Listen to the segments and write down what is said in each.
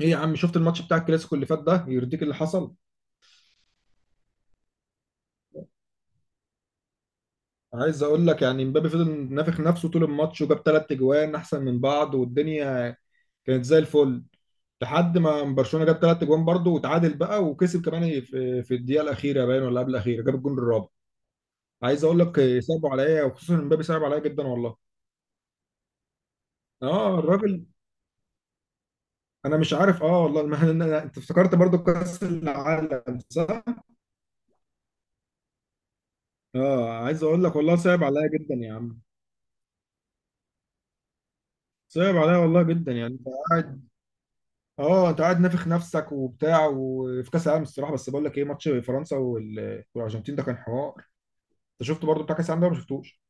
ايه يا عم، شفت الماتش بتاع الكلاسيكو اللي فات ده؟ يرضيك اللي حصل؟ عايز اقول لك يعني مبابي فضل نافخ نفسه طول الماتش وجاب ثلاث اجوان احسن من بعض، والدنيا كانت زي الفل. لحد ما برشلونة جاب ثلاث اجوان برضه وتعادل بقى، وكسب كمان في الدقيقة الأخيرة، باين ولا قبل الأخيرة جاب الجون الرابع. عايز اقول لك صعب عليا، وخصوصا مبابي صعب عليا جدا والله. اه، الراجل انا مش عارف، اه والله ما أنا- أنا- انت افتكرت برضه كأس العالم صح؟ اه، عايز اقول لك والله صعب عليا جدا يا عم. صعب عليا والله جدا يعني. اه، انت قاعد نافخ نفسك وبتاع، وفي كاس العالم الصراحه، بس بقول لك ايه؟ ماتش فرنسا والارجنتين ده كان حوار. انت شفته برضو بتاع كاس العالم ده ولا ما شفتوش؟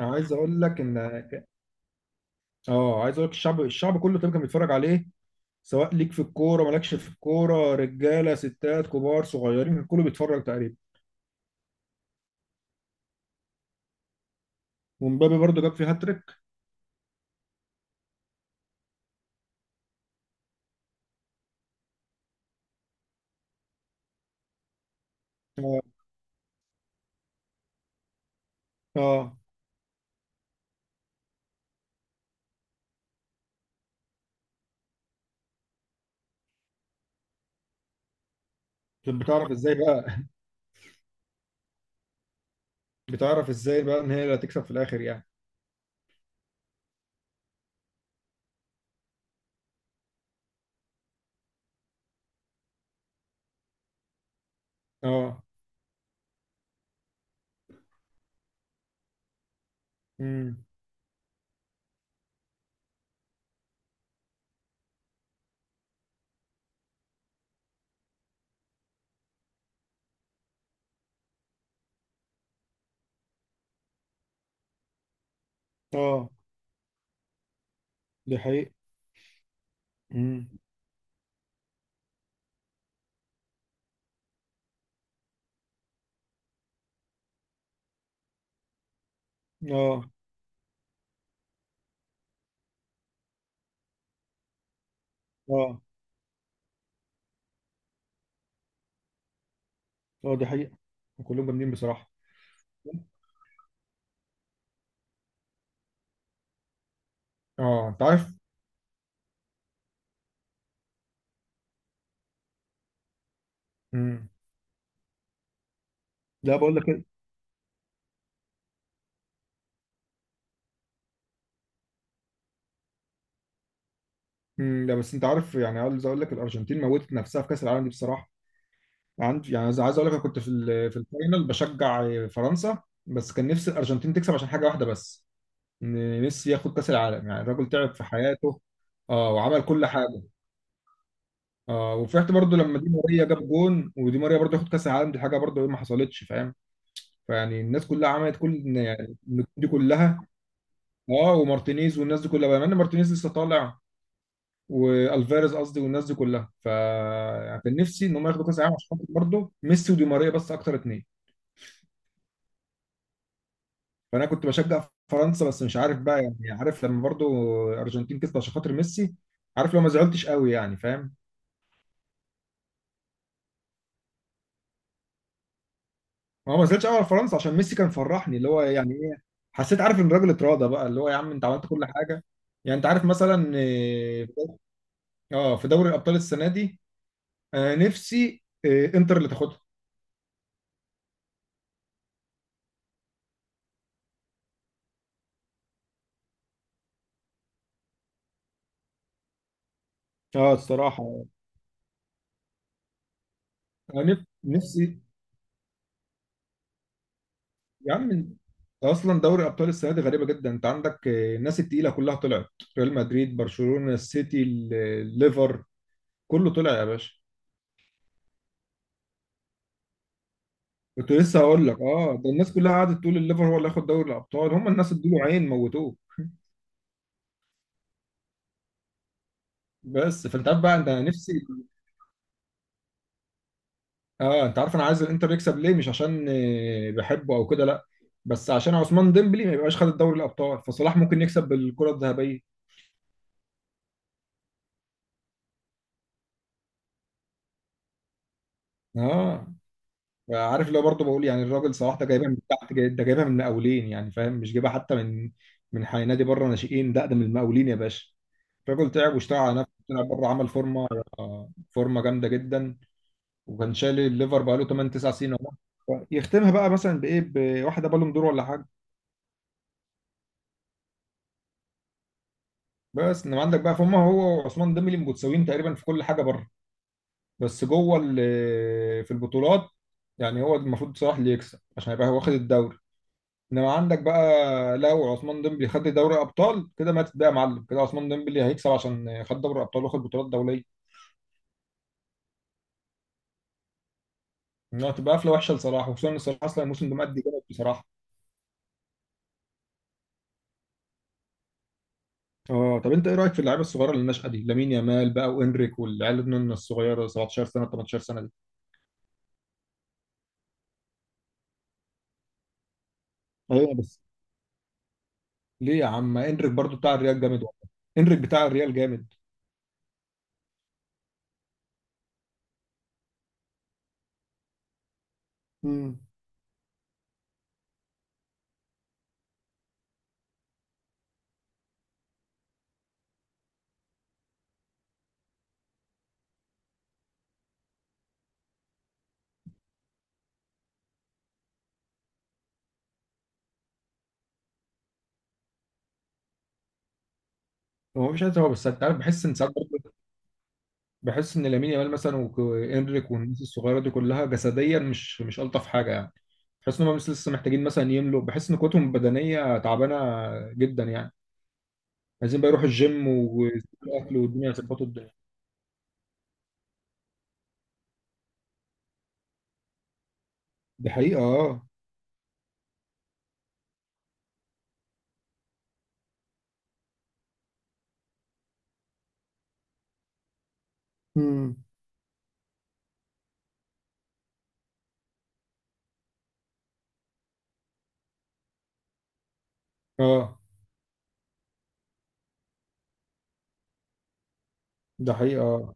انا عايز اقول لك ان اه عايز اقول لك الشعب كله تقريبا كان بيتفرج عليه. سواء ليك في الكوره مالكش في الكوره، رجاله ستات كبار صغيرين، كله بيتفرج تقريبا. ومبابي برضو جاب فيه هاتريك. اه. اه. بتعرف ازاي بقى بتعرف ازاي بقى ان هي اللي هتكسب في الاخر يعني. اه. امم. اه، دي حقيقة. امم. اه. اه. اه، دي حقيقة، كلهم جامدين بصراحة. اه، انت عارف. امم. لا، بقول لك كده. امم. لا، بس انت عارف يعني، عايز اقول لك الارجنتين موتت نفسها في كاس العالم دي بصراحة. عندي يعني عايز اقول لك، انا كنت في الفاينل بشجع فرنسا، بس كان نفسي الارجنتين تكسب عشان حاجة واحدة بس، ان ميسي ياخد كاس العالم، يعني الراجل تعب في حياته. اه، وعمل كل حاجة. اه، وفرحت برضو لما دي ماريا جاب جون، ودي ماريا برضو ياخد كاس العالم، دي حاجة برضو ما حصلتش فاهم. فيعني الناس كلها عملت كل، يعني النجوم دي كلها. اه، ومارتينيز والناس دي كلها، بما ان مارتينيز لسه طالع، والفاريز قصدي والناس دي كلها، ف يعني كان نفسي ان هم ياخدوا كاس العالم عشان خاطر برضه ميسي ودي ماريا، بس اكتر اتنين. فانا كنت بشجع فرنسا، بس مش عارف بقى يعني، عارف لما برضه الارجنتين كسبت عشان خاطر ميسي، عارف لو ما زعلتش قوي يعني فاهم. ما هو ما زعلتش قوي على فرنسا عشان ميسي كان فرحني، اللي هو يعني ايه، حسيت عارف ان الراجل اتراضى بقى، اللي هو يا عم انت عملت كل حاجه. يعني انت عارف مثلا. اه. اه، في دوري الابطال السنه دي، نفسي انتر اللي تاخدها. اه الصراحة. انا نفسي. يا عم انت، اصلا دوري ابطال السنه دي غريبه جدا، انت عندك الناس التقيله كلها طلعت. ريال مدريد، برشلونه، السيتي، الليفر، كله طلع يا باشا. كنت لسه هقول لك، اه ده الناس كلها قعدت تقول الليفر هو اللي هياخد دوري الابطال، هم الناس ادوا له عين موتوه. بس فانت عارف بقى، انت نفسي. اه، انت عارف انا عايز الانتر يكسب ليه؟ مش عشان بحبه او كده لا، بس عشان عثمان ديمبلي ما يبقاش خد الدوري الابطال، فصلاح ممكن يكسب بالكره الذهبيه. اه. عارف اللي هو برضه بقول، يعني الراجل صلاح ده جايبها من تحت، ده جايبها من المقاولين يعني فاهم، مش جايبها حتى من من نادي بره ناشئين، ده ده من المقاولين يا باشا. الراجل تعب واشتغل على نفسه، طلع بره عمل فورمه، فورمه جامده جدا. وكان شايل الليفر بقى له 8 9 سنين. اهو يختمها بقى مثلا بايه، بواحده بالون دور ولا حاجه. بس انما عندك بقى فهم، هو وعثمان ديمبلي متساويين تقريبا في كل حاجه بره، بس جوه في البطولات. يعني هو المفروض صلاح اللي يكسب عشان يبقى هو واخد الدوري. انما عندك بقى، لو عثمان ديمبلي خد دوري ابطال كده ماتت بقى يا معلم، كده عثمان ديمبلي هيكسب عشان خد دوري ابطال واخد بطولات دوليه. انها تبقى قفله وحشه لصلاح، وخصوصا ان صلاح اصلا الموسم ده مادي جامد بصراحه. اه، طب انت ايه رايك في اللعيبه الصغيره اللي الناشئه دي، لامين يامال بقى وانريك والعيال النن الصغيره، 17 سنه 18 سنه دي؟ ايوه بس، ليه يا عم؟ انريك برضو بتاع الريال جامد والله، انريك بتاع الريال جامد. امم. هو مش عايز، هو بس انت عارف، بحس ان ساعات بحس ان لامين يامال مثلا وانريك والناس الصغيره دي كلها جسديا، مش مش الطف حاجه يعني. بحس ان هم بس لسه محتاجين مثلا يملوا، بحس ان قوتهم البدنيه تعبانه جدا يعني. عايزين بقى يروحوا الجيم والاكل والدنيا، يظبطوا الدنيا. دي حقيقه اه. امم. اه، ده حقيقه آه.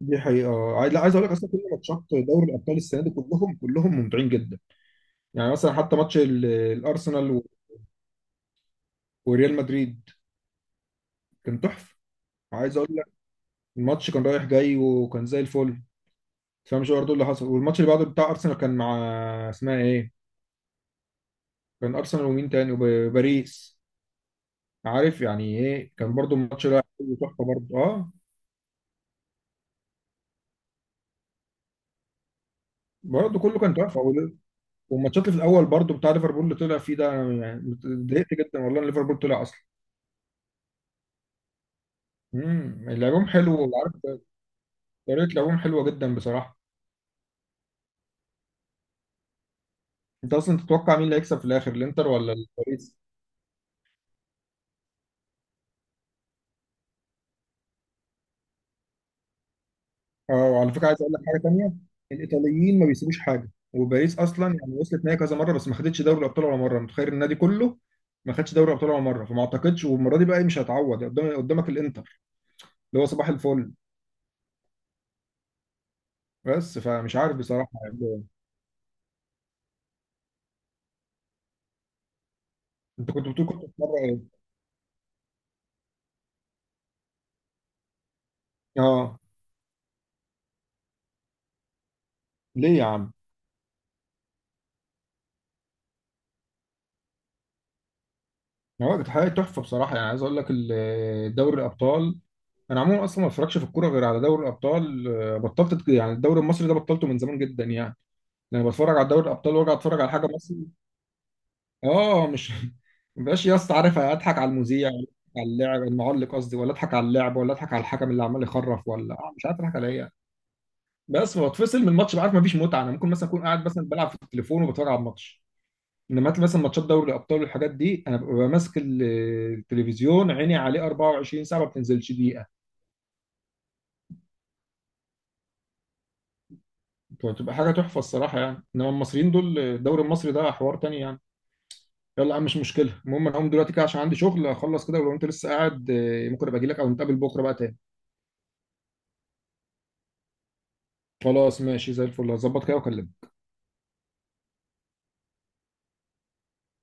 دي حقيقه آه. عايز، لا عايز اقول لك اصلا كل ماتشات دوري الابطال السنه دي كلهم، كلهم ممتعين جدا. يعني مثلا حتى ماتش الارسنال وريال مدريد، كان تحفه. عايز اقول لك، الماتش كان رايح جاي وكان زي الفل. تفهمش برضه اللي حصل. والماتش اللي بعده بتاع ارسنال كان مع، اسمها ايه، كان ارسنال ومين تاني؟ وباريس. عارف يعني ايه، كان برضه الماتش ده كله تحفه برضه اه. برضه كله كان تحفه، والماتشات اللي في الاول برضه بتاع ليفربول اللي طلع فيه ده، أنا يعني اتضايقت جدا والله ان ليفربول طلع اصلا. امم. لعبهم حلو وعارف، طريقه لعبهم حلوه جدا بصراحه. انت اصلا تتوقع مين اللي هيكسب في الاخر، الانتر ولا باريس؟ اه، وعلى فكره عايز اقول لك حاجه تانيه. الايطاليين ما بيسيبوش حاجه، وباريس اصلا يعني وصلت نهائي كذا مره بس ما خدتش دوري الابطال ولا مره، متخيل النادي كله ما خدش دوري الابطال ولا مره. فما اعتقدش والمره دي بقى إيه، مش هتعوض، قدامك الانتر اللي هو صباح الفل. بس فمش عارف بصراحه يعني. انت كنت بتقول كنت بتتفرج ايه؟ اه. ليه يا عم؟ هو كانت حاجه تحفه بصراحه، يعني عايز اقول لك دوري الابطال، انا عموما اصلا ما بتفرجش في الكوره غير على دوري الابطال، بطلت يعني الدوري المصري ده بطلته من زمان جدا يعني. لما بتفرج على دوري الابطال وارجع اتفرج على حاجه مصري، اه مش مبقاش يا اسطى عارف اضحك على المذيع، ولا أضحك على اللاعب المعلق قصدي، ولا اضحك على اللاعب، ولا اضحك على الحكم اللي عمال يخرف، ولا آه مش عارف اضحك على ايه يعني. بس بتفصل من الماتش، بعرف مفيش متعه. انا ممكن مثلا اكون قاعد مثلا بلعب في التليفون وبتفرج على الماتش. انما مثلا ماتشات دوري الابطال والحاجات دي انا ببقى ماسك التلفزيون، عيني عليه 24 ساعه ما بتنزلش دقيقه. بتبقى حاجه تحفه الصراحه يعني. انما المصريين دول، الدوري المصري ده حوار تاني يعني. يلا يا عم، مش مشكله. المهم انا هقوم دلوقتي كده عشان عندي شغل اخلص كده، ولو انت لسه قاعد ممكن ابقى اجي لك او نتقابل بكره بقى تاني. خلاص ماشي، زي الفل، هظبط كده واكلمك.